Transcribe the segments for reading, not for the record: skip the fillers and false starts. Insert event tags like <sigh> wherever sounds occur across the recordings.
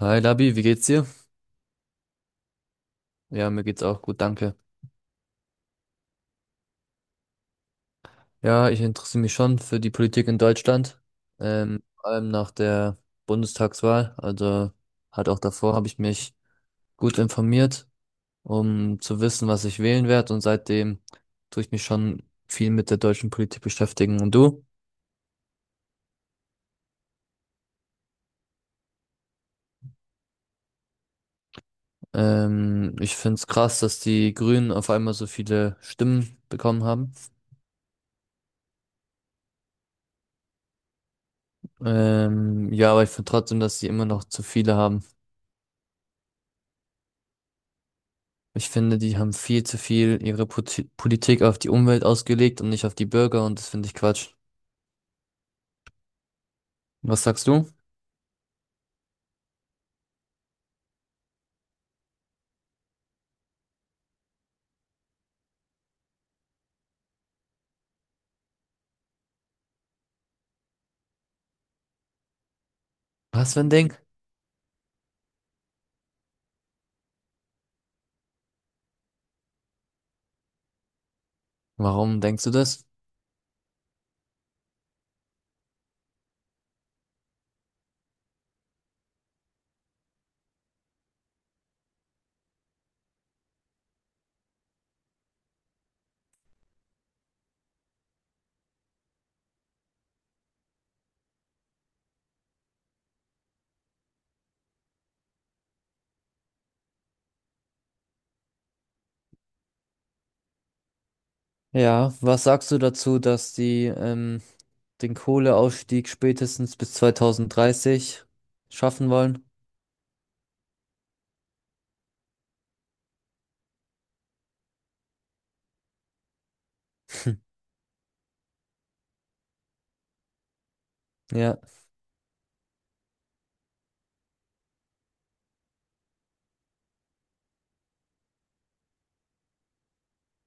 Hi Labi, wie geht's dir? Ja, mir geht's auch gut, danke. Ja, ich interessiere mich schon für die Politik in Deutschland, vor allem nach der Bundestagswahl. Also halt auch davor habe ich mich gut informiert, um zu wissen, was ich wählen werde. Und seitdem tue ich mich schon viel mit der deutschen Politik beschäftigen. Und du? Ich finde es krass, dass die Grünen auf einmal so viele Stimmen bekommen haben. Ja, aber ich finde trotzdem, dass sie immer noch zu viele haben. Ich finde, die haben viel zu viel ihre Politik auf die Umwelt ausgelegt und nicht auf die Bürger und das finde ich Quatsch. Was sagst du? Was für ein Ding? Warum denkst du das? Ja, was sagst du dazu, dass die den Kohleausstieg spätestens bis 2030 schaffen wollen? Ja,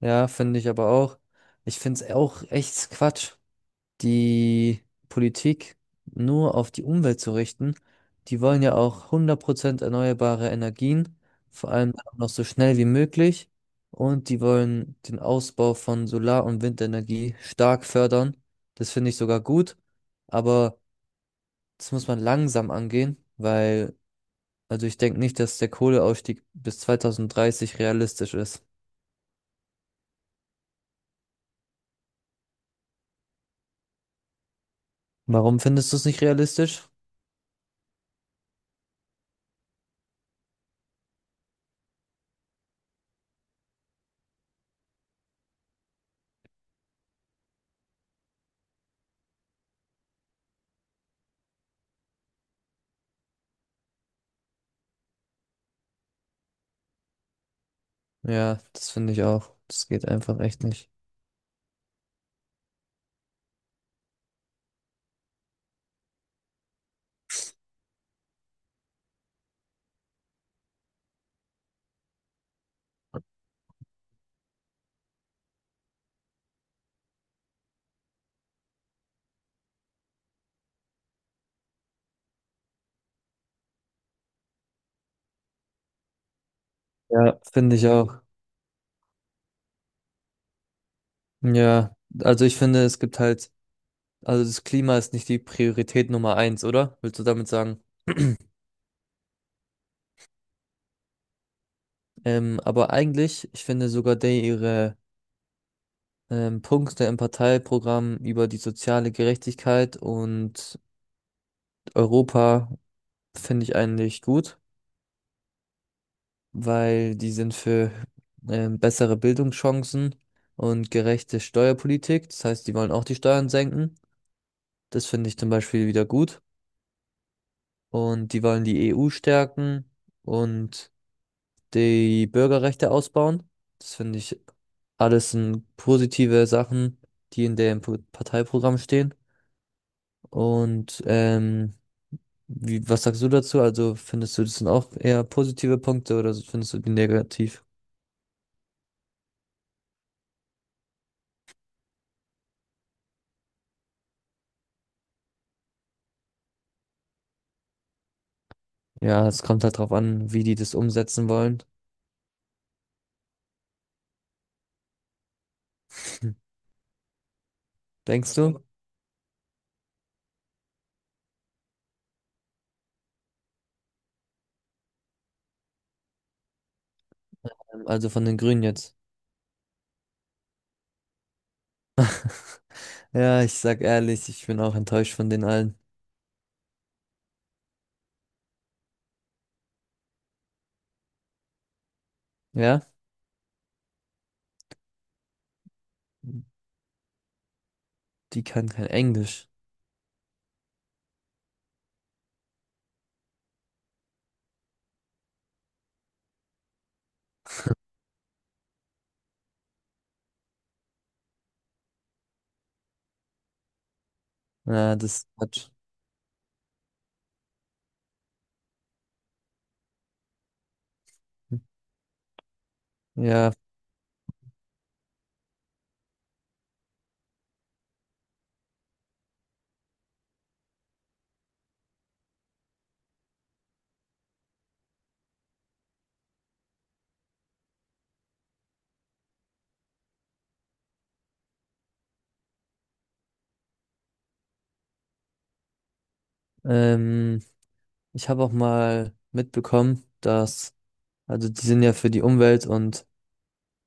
ja, finde ich aber auch. Ich finde es auch echt Quatsch. Die Politik nur auf die Umwelt zu richten. Die wollen ja auch 100% erneuerbare Energien, vor allem auch noch so schnell wie möglich. Und die wollen den Ausbau von Solar- und Windenergie stark fördern. Das finde ich sogar gut. Aber das muss man langsam angehen, weil, also ich denke nicht, dass der Kohleausstieg bis 2030 realistisch ist. Warum findest du es nicht realistisch? Ja, das finde ich auch. Das geht einfach echt nicht. Ja, finde ich auch. Ja, also ich finde, es gibt halt, also das Klima ist nicht die Priorität Nummer eins, oder? Willst du damit sagen? Aber eigentlich, ich finde sogar der ihre Punkte im Parteiprogramm über die soziale Gerechtigkeit und Europa finde ich eigentlich gut, weil die sind für bessere Bildungschancen und gerechte Steuerpolitik. Das heißt, die wollen auch die Steuern senken. Das finde ich zum Beispiel wieder gut. Und die wollen die EU stärken und die Bürgerrechte ausbauen. Das finde ich alles sind positive Sachen, die in dem Parteiprogramm stehen. Und was sagst du dazu? Also findest du, das sind auch eher positive Punkte oder so, findest du die negativ? Ja, es kommt halt drauf an, wie die das umsetzen wollen. <clears throat> <laughs> Denkst du? Also, also von den Grünen jetzt. Ja, ich sag ehrlich, ich bin auch enttäuscht von den allen. Ja, die kann kein Englisch. Ja, das hat. Ja, ähm. Ich habe auch mal mitbekommen, dass, also die sind ja für die Umwelt und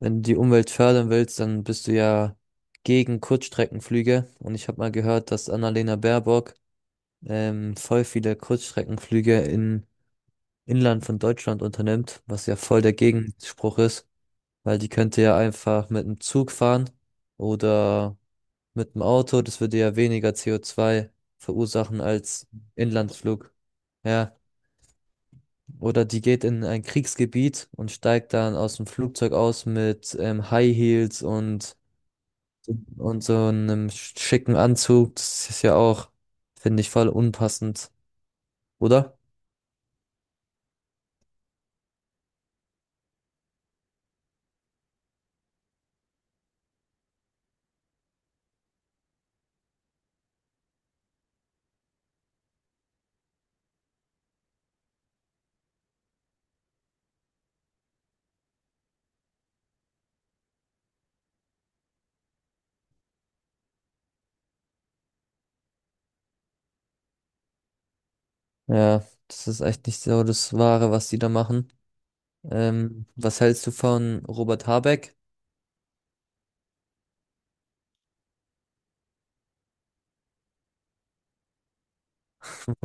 wenn du die Umwelt fördern willst, dann bist du ja gegen Kurzstreckenflüge. Und ich habe mal gehört, dass Annalena Baerbock voll viele Kurzstreckenflüge in Inland von Deutschland unternimmt, was ja voll der Gegenspruch ist, weil die könnte ja einfach mit dem Zug fahren oder mit dem Auto, das würde ja weniger CO2 verursachen als Inlandsflug. Ja. Oder die geht in ein Kriegsgebiet und steigt dann aus dem Flugzeug aus mit High Heels und so einem schicken Anzug. Das ist ja auch, finde ich, voll unpassend, oder? Ja, das ist echt nicht so das Wahre, was die da machen. Was hältst du von Robert Habeck?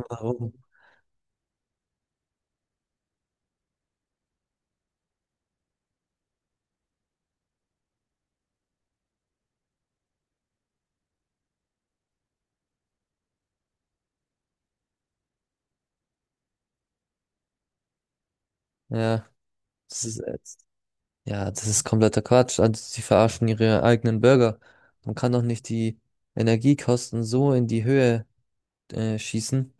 Warum? Ja, das ist, jetzt- ja, das ist kompletter Quatsch. Also, sie verarschen ihre eigenen Bürger. Man kann doch nicht die Energiekosten so in die Höhe, schießen.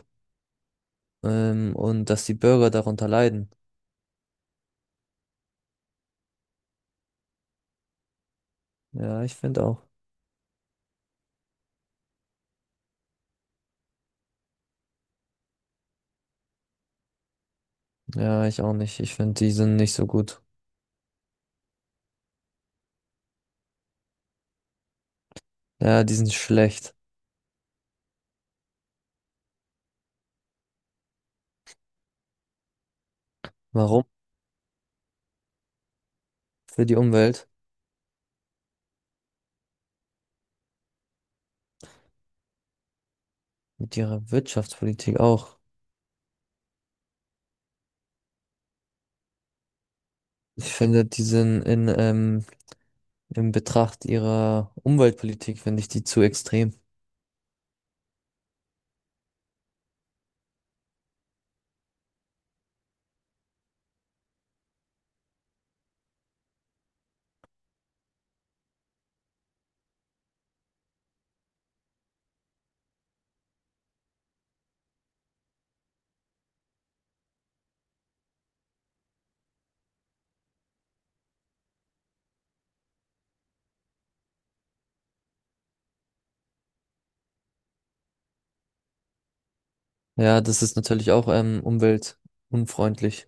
Und dass die Bürger darunter leiden. Ja, ich finde auch. Ja, ich auch nicht. Ich finde, die sind nicht so gut. Ja, die sind schlecht. Warum? Für die Umwelt. Mit ihrer Wirtschaftspolitik auch. Ich finde, die sind in Betracht ihrer Umweltpolitik, finde ich die zu extrem. Ja, das ist natürlich auch, umweltunfreundlich.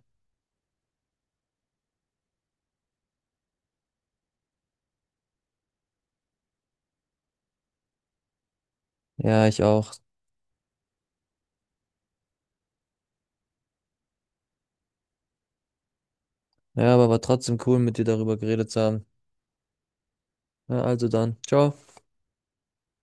Ja, ich auch. Ja, aber war trotzdem cool, mit dir darüber geredet zu haben. Ja, also dann. Ciao.